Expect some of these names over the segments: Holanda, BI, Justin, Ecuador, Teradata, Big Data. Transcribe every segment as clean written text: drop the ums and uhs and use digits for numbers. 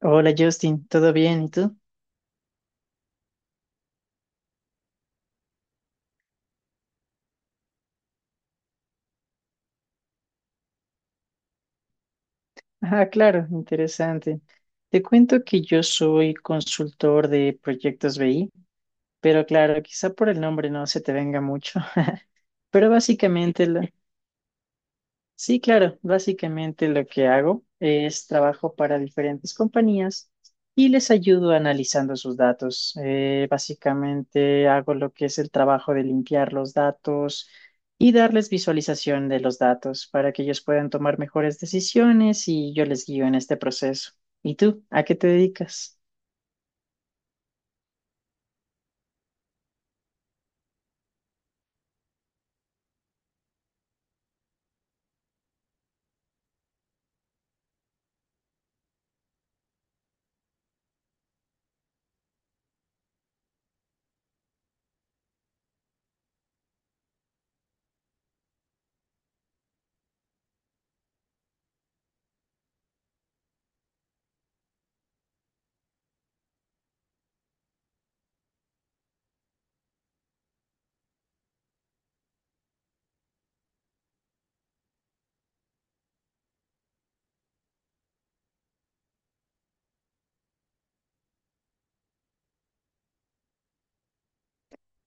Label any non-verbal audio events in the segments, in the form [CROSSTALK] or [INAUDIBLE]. Hola Justin, ¿todo bien? ¿Y tú? Ah, claro, interesante. Te cuento que yo soy consultor de proyectos BI, pero claro, quizá por el nombre no se te venga mucho, [LAUGHS] pero Sí, claro. Básicamente lo que hago es trabajo para diferentes compañías y les ayudo analizando sus datos. Básicamente hago lo que es el trabajo de limpiar los datos y darles visualización de los datos para que ellos puedan tomar mejores decisiones y yo les guío en este proceso. ¿Y tú? ¿A qué te dedicas?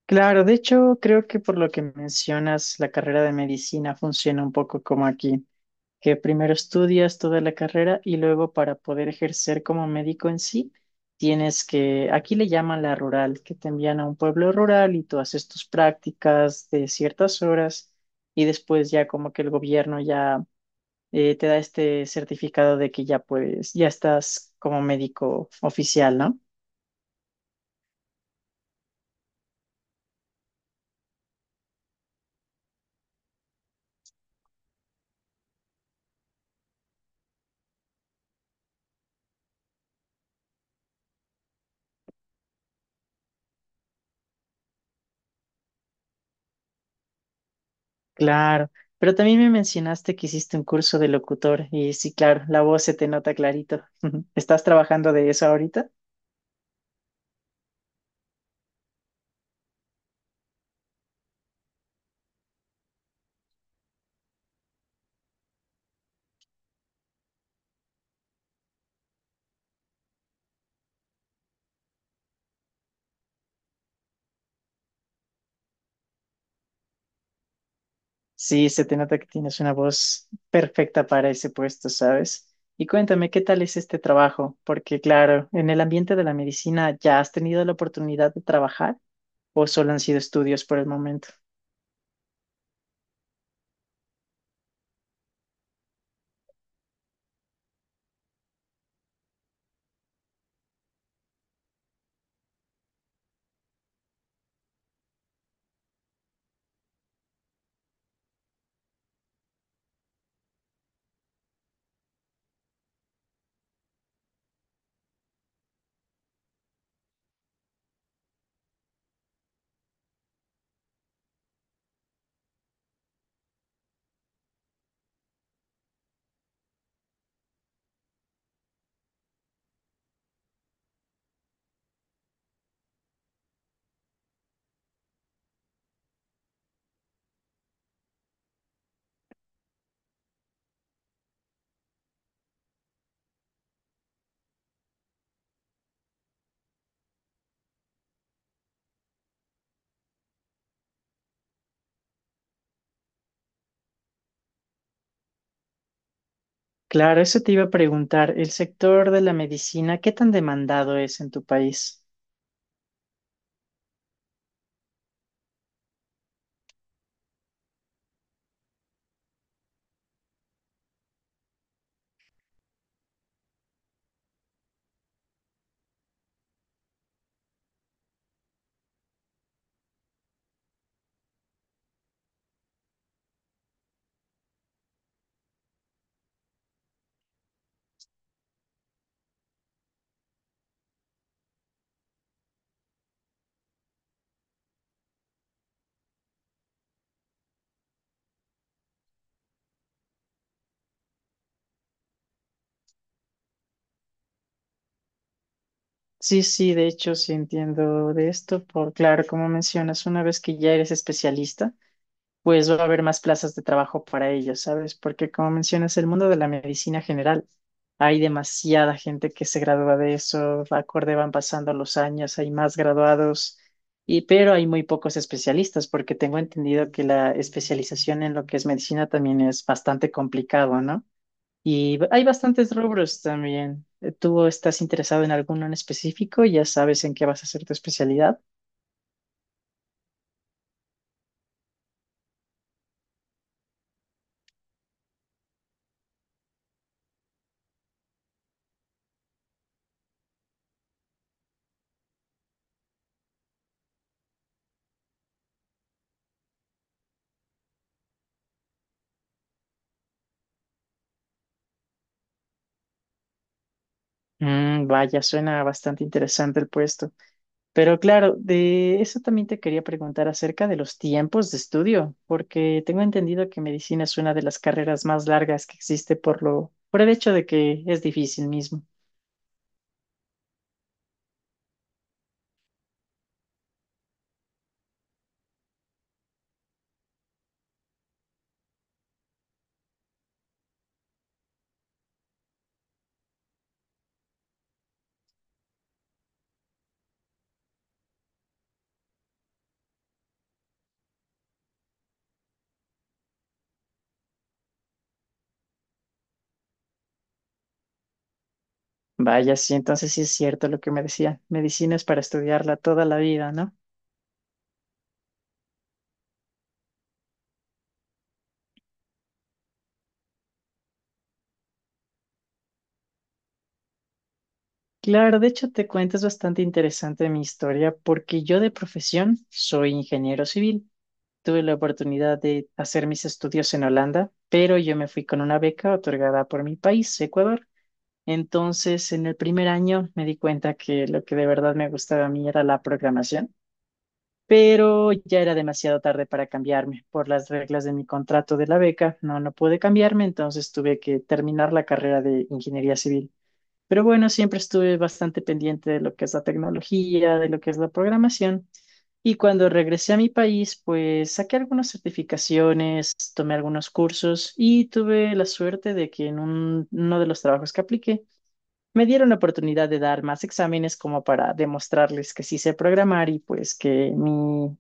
Claro, de hecho, creo que por lo que mencionas, la carrera de medicina funciona un poco como aquí, que primero estudias toda la carrera y luego para poder ejercer como médico en sí, tienes que, aquí le llaman la rural, que te envían a un pueblo rural y tú haces tus prácticas de ciertas horas y después ya como que el gobierno ya te da este certificado de que ya puedes, ya estás como médico oficial, ¿no? Claro. Pero también me mencionaste que hiciste un curso de locutor y sí, claro, la voz se te nota clarito. [LAUGHS] ¿Estás trabajando de eso ahorita? Sí, se te nota que tienes una voz perfecta para ese puesto, ¿sabes? Y cuéntame, ¿qué tal es este trabajo? Porque claro, en el ambiente de la medicina, ¿ya has tenido la oportunidad de trabajar o solo han sido estudios por el momento? Claro, eso te iba a preguntar, el sector de la medicina, ¿qué tan demandado es en tu país? Sí, sí, de hecho, sí entiendo de esto, por claro, como mencionas, una vez que ya eres especialista, pues va a haber más plazas de trabajo para ellos, ¿sabes? Porque como mencionas, el mundo de la medicina general, hay demasiada gente que se gradúa de eso, acorde van pasando los años, hay más graduados, y, pero hay muy pocos especialistas, porque tengo entendido que la especialización en lo que es medicina también es bastante complicado, ¿no? Y hay bastantes rubros también. ¿Tú estás interesado en alguno en específico? ¿Ya sabes en qué vas a hacer tu especialidad? Mm, vaya, suena bastante interesante el puesto. Pero claro, de eso también te quería preguntar acerca de los tiempos de estudio, porque tengo entendido que medicina es una de las carreras más largas que existe por por el hecho de que es difícil mismo. Vaya, sí, entonces sí es cierto lo que me decían. Medicina es para estudiarla toda la vida, ¿no? Claro, de hecho te cuento, es bastante interesante mi historia porque yo de profesión soy ingeniero civil. Tuve la oportunidad de hacer mis estudios en Holanda, pero yo me fui con una beca otorgada por mi país, Ecuador. Entonces, en el primer año me di cuenta que lo que de verdad me gustaba a mí era la programación, pero ya era demasiado tarde para cambiarme por las reglas de mi contrato de la beca. No pude cambiarme, entonces tuve que terminar la carrera de ingeniería civil. Pero bueno, siempre estuve bastante pendiente de lo que es la tecnología, de lo que es la programación. Y cuando regresé a mi país, pues saqué algunas certificaciones, tomé algunos cursos y tuve la suerte de que en uno de los trabajos que apliqué me dieron la oportunidad de dar más exámenes como para demostrarles que sí sé programar y pues que mi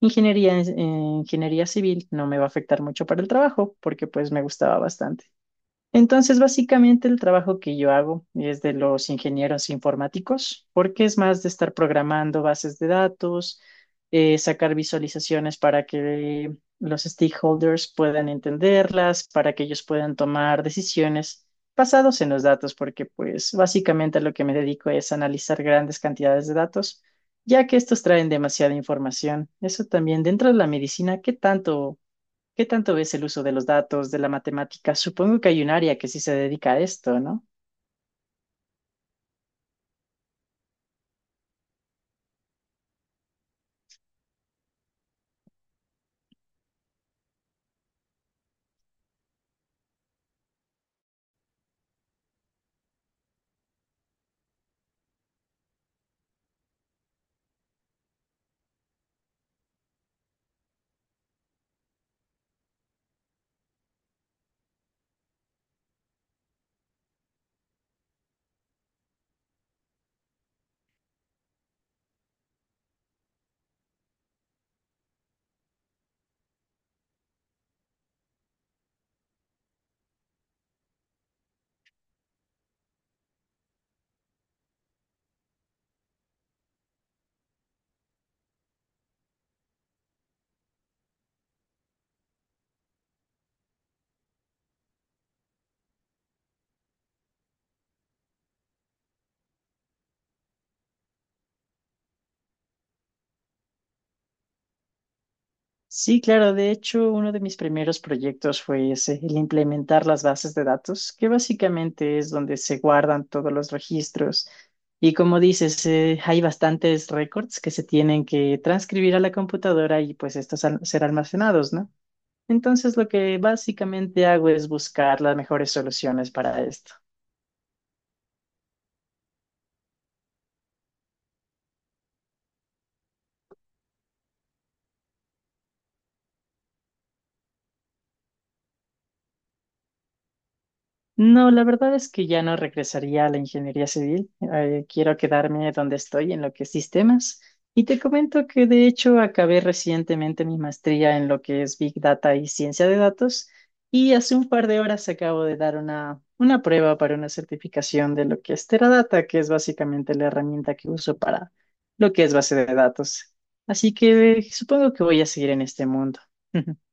ingeniería, en- ingeniería civil no me va a afectar mucho para el trabajo porque pues me gustaba bastante. Entonces, básicamente el trabajo que yo hago es de los ingenieros informáticos, porque es más de estar programando bases de datos, sacar visualizaciones para que los stakeholders puedan entenderlas, para que ellos puedan tomar decisiones basados en los datos, porque pues básicamente a lo que me dedico es analizar grandes cantidades de datos, ya que estos traen demasiada información. Eso también dentro de la medicina, ¿qué tanto? ¿Qué tanto ves el uso de los datos, de la matemática? Supongo que hay un área que sí se dedica a esto, ¿no? Sí, claro. De hecho, uno de mis primeros proyectos fue ese, el implementar las bases de datos, que básicamente es donde se guardan todos los registros. Y como dices, hay bastantes récords que se tienen que transcribir a la computadora y pues estos ser almacenados, ¿no? Entonces, lo que básicamente hago es buscar las mejores soluciones para esto. No, la verdad es que ya no regresaría a la ingeniería civil. Quiero quedarme donde estoy, en lo que es sistemas. Y te comento que de hecho acabé recientemente mi maestría en lo que es Big Data y ciencia de datos. Y hace un par de horas acabo de dar una prueba para una certificación de lo que es Teradata, que es básicamente la herramienta que uso para lo que es base de datos. Así que supongo que voy a seguir en este mundo. [LAUGHS]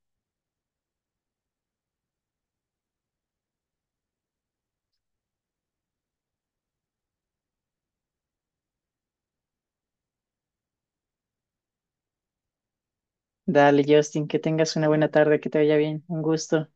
Dale, Justin, que tengas una buena tarde, que te vaya bien. Un gusto.